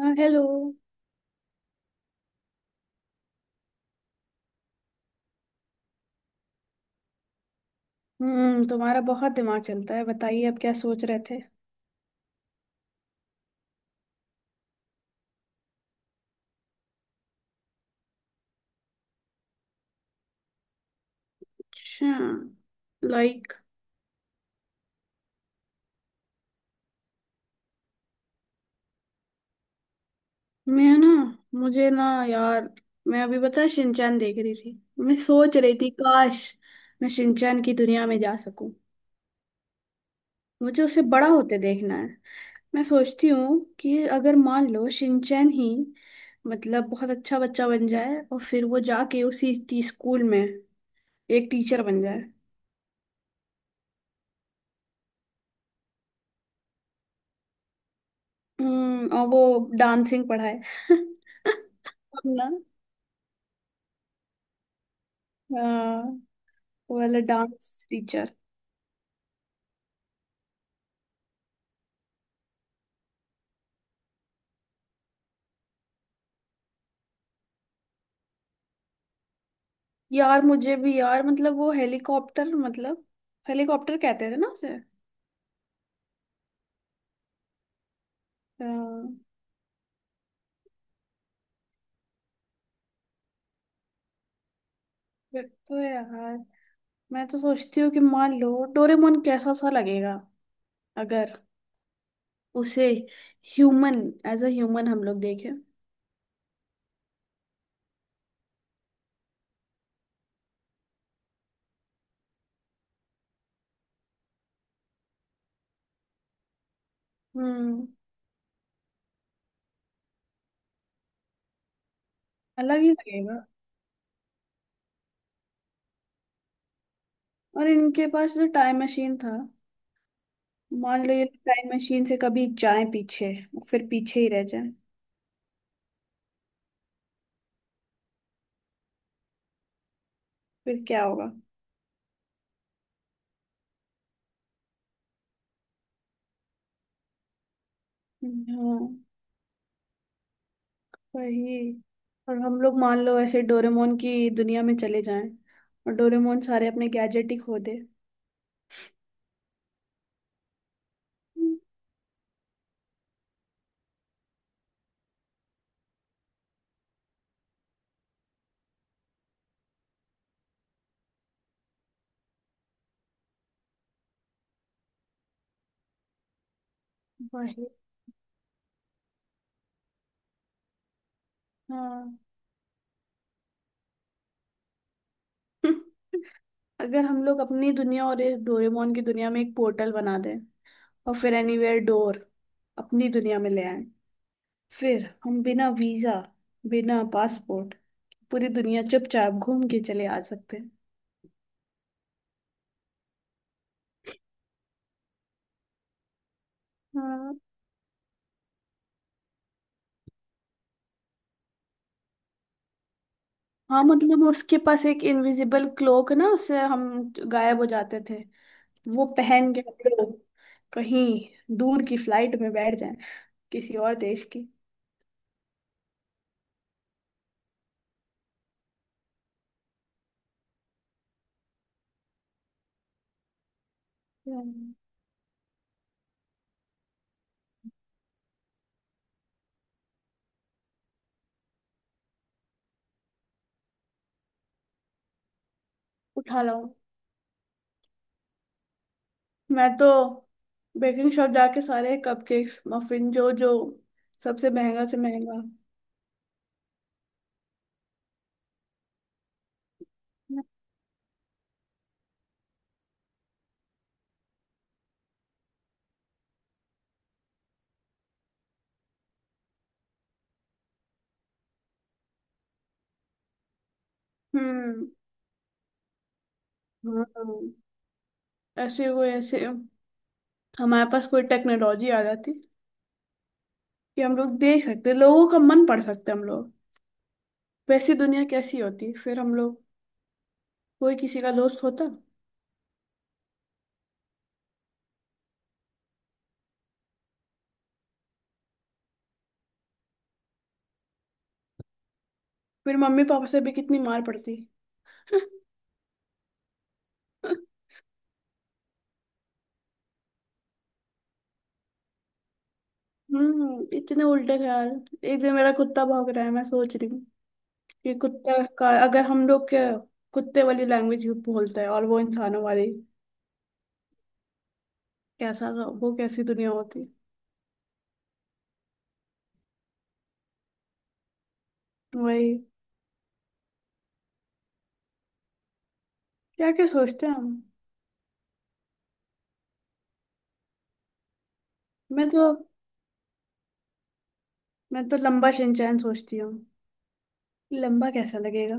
हाँ, हेलो। तुम्हारा बहुत दिमाग चलता है। बताइए, अब क्या सोच रहे थे? अच्छा। लाइक। मैं ना। मुझे ना। यार, मैं अभी बता शिनचैन देख रही थी। मैं सोच रही थी, काश मैं शिनचैन की दुनिया में जा सकूं। मुझे उसे बड़ा होते देखना है। मैं सोचती हूँ कि अगर मान लो शिनचैन ही मतलब बहुत अच्छा बच्चा बन जाए और फिर वो जाके उसी टी स्कूल में एक टीचर बन जाए। और वो डांसिंग पढ़ाए। ना। हाँ, वो वाला डांस टीचर। यार, मुझे भी यार मतलब वो हेलीकॉप्टर मतलब हेलीकॉप्टर कहते थे ना उसे। हाँ। फिर तो यार मैं तो सोचती हूँ कि मान लो डोरेमोन कैसा सा लगेगा, अगर उसे ह्यूमन, एज अ ह्यूमन हम लोग देखें। हम्म अलग ही लगेगा। और इनके पास जो टाइम मशीन था, मान लो ये टाइम मशीन से कभी जाए पीछे, फिर पीछे ही रह जाए, फिर क्या होगा? हाँ। वही। और हम लोग मान लो ऐसे डोरेमोन की दुनिया में चले जाएं और डोरेमोन सारे अपने गैजेट ही खो दे। हम्म, वही। हाँ। अगर हम लोग अपनी दुनिया और इस डोरेमोन की दुनिया में एक पोर्टल बना दें और फिर एनीवेयर डोर अपनी दुनिया में ले आए, फिर हम बिना वीजा, बिना पासपोर्ट पूरी दुनिया चुपचाप घूम के चले आ सकते हैं। हाँ। हाँ, मतलब उसके पास एक इनविजिबल क्लोक ना, उससे हम गायब हो जाते थे। वो पहन के हम लोग कहीं दूर की फ्लाइट में बैठ जाएं, किसी और देश की। हम्म। उठा लाऊं। मैं तो बेकिंग शॉप जाके सारे कपकेक्स, मफिन, जो जो सबसे महंगा से महंगा। हम्म। हाँ। ऐसे कोई ऐसे हमारे पास कोई टेक्नोलॉजी आ जाती कि हम लोग देख सकते, लोगों का मन पढ़ सकते हम लोग। वैसी दुनिया कैसी होती, फिर हम लोग कोई किसी का दोस्त होता। फिर मम्मी पापा से भी कितनी मार पड़ती। इतने उल्टे ख्याल। एक दिन मेरा कुत्ता भौंक रहा है, मैं सोच रही हूँ कि कुत्ता का अगर हम लोग के कुत्ते वाली लैंग्वेज बोलता है और वो इंसानों वाली, कैसा, वो कैसी दुनिया होती। वही। क्या क्या सोचते हैं हम। मैं तो मैं तो लंबा शिनचैन सोचती हूँ। लंबा कैसा लगेगा।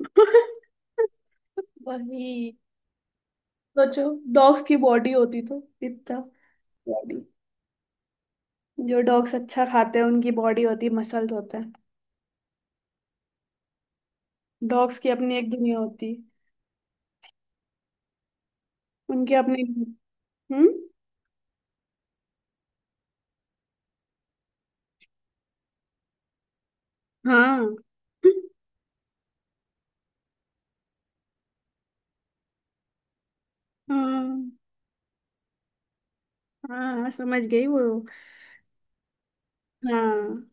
वही। सोचो, डॉग्स की बॉडी होती तो इतना बॉडी। जो डॉग्स अच्छा खाते हैं उनकी बॉडी होती, मसल्स होते हैं। डॉग्स की अपनी एक दुनिया होती, उनके अपने। हम्म। हाँ। हाँ, हाँ, समझ गई वो। हाँ।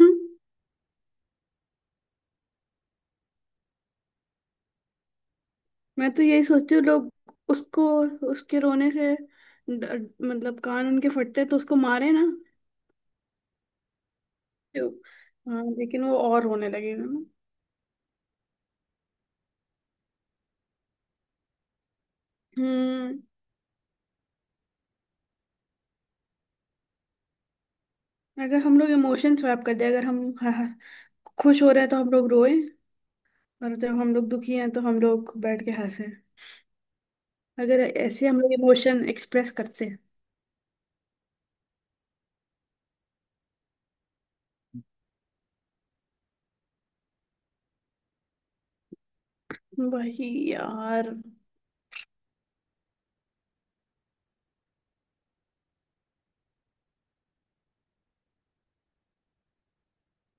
हम्म, मैं तो यही सोचू, लोग उसको उसके रोने से मतलब कान उनके फटते तो उसको मारे ना। तो, हाँ, लेकिन वो और रोने लगेगा ना। हम्म अगर हम लोग इमोशन स्वैप कर दे, अगर हम खुश हो रहे हैं तो हम लोग रोए, और जब हम लोग दुखी हैं तो हम लोग बैठ के हंसे। अगर ऐसे हम लोग इमोशन एक्सप्रेस करते हैं। वही यार।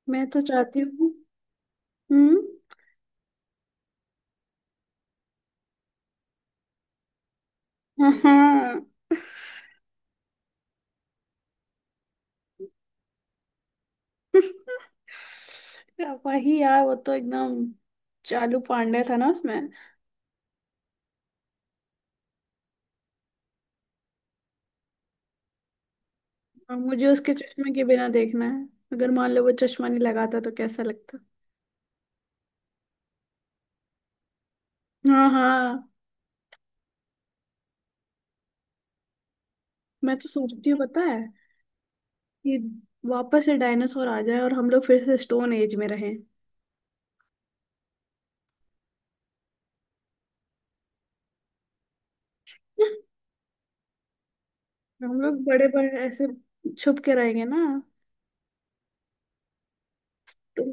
मैं तो चाहती हूँ। हम्म। हाँ। वही यार, वो तो एकदम चालू पांडे था ना उसमें। हाँ, मुझे उसके चश्मे के बिना देखना है। अगर मान लो वो चश्मा नहीं लगाता तो कैसा लगता। हाँ, हाँ। मैं तो सोचती हूँ, पता है, कि वापस से डायनासोर आ जाए और हम लोग फिर से स्टोन एज में रहें। हम लोग बड़े बड़े ऐसे छुप के रहेंगे ना। तो,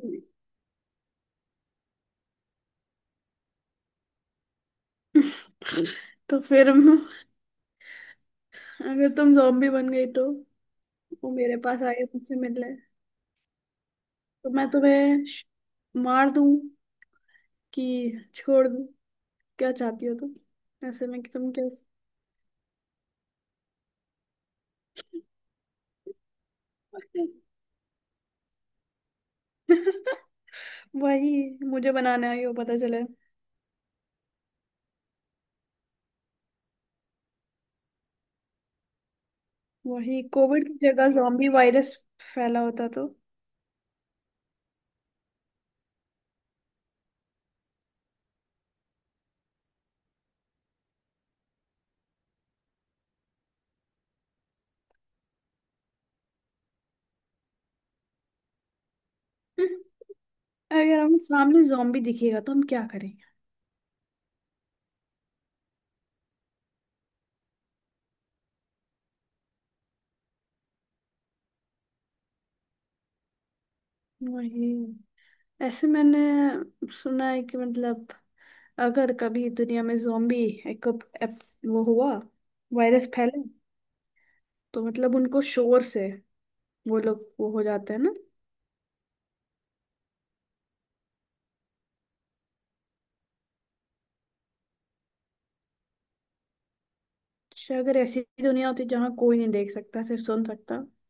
तो फिर अगर तुम जॉम्बी बन गई तो, वो मेरे पास आए मुझसे मिलने, तो मैं तुम्हें मार दूं कि छोड़ दूं, क्या चाहती हो तुम, ऐसे में कि तुम क्या। वही। मुझे बनाने आई हो पता चले। वही, कोविड की जगह जॉम्बी वायरस फैला होता तो। अगर हम सामने जॉम्बी दिखेगा तो हम क्या करेंगे? वही। ऐसे मैंने सुना है कि मतलब अगर कभी दुनिया में जॉम्बी, एक एप, वो हुआ, वायरस फैले, तो मतलब उनको शोर से वो लोग वो हो जाते हैं ना। अच्छा, अगर ऐसी दुनिया होती जहाँ कोई नहीं देख सकता, सिर्फ सुन सकता।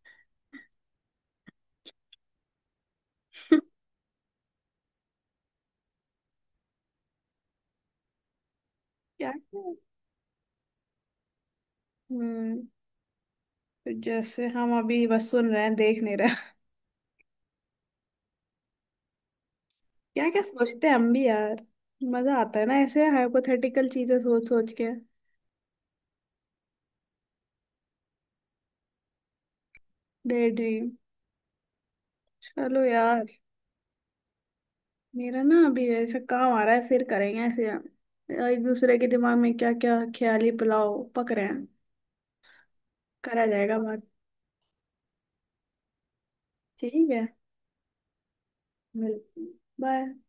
क्या क्या। हम्म तो जैसे हम अभी बस सुन रहे हैं, देख नहीं रहे। क्या क्या सोचते हैं हम भी यार। मजा आता है ना ऐसे हाइपोथेटिकल चीजें सोच सोच के। Daydream. चलो यार। मेरा ना अभी ऐसा काम आ रहा है, फिर करेंगे ऐसे, एक दूसरे के दिमाग में क्या क्या ख्याली पुलाव पक रहे हैं, करा जाएगा बात। ठीक है, मिलते हैं। बाय।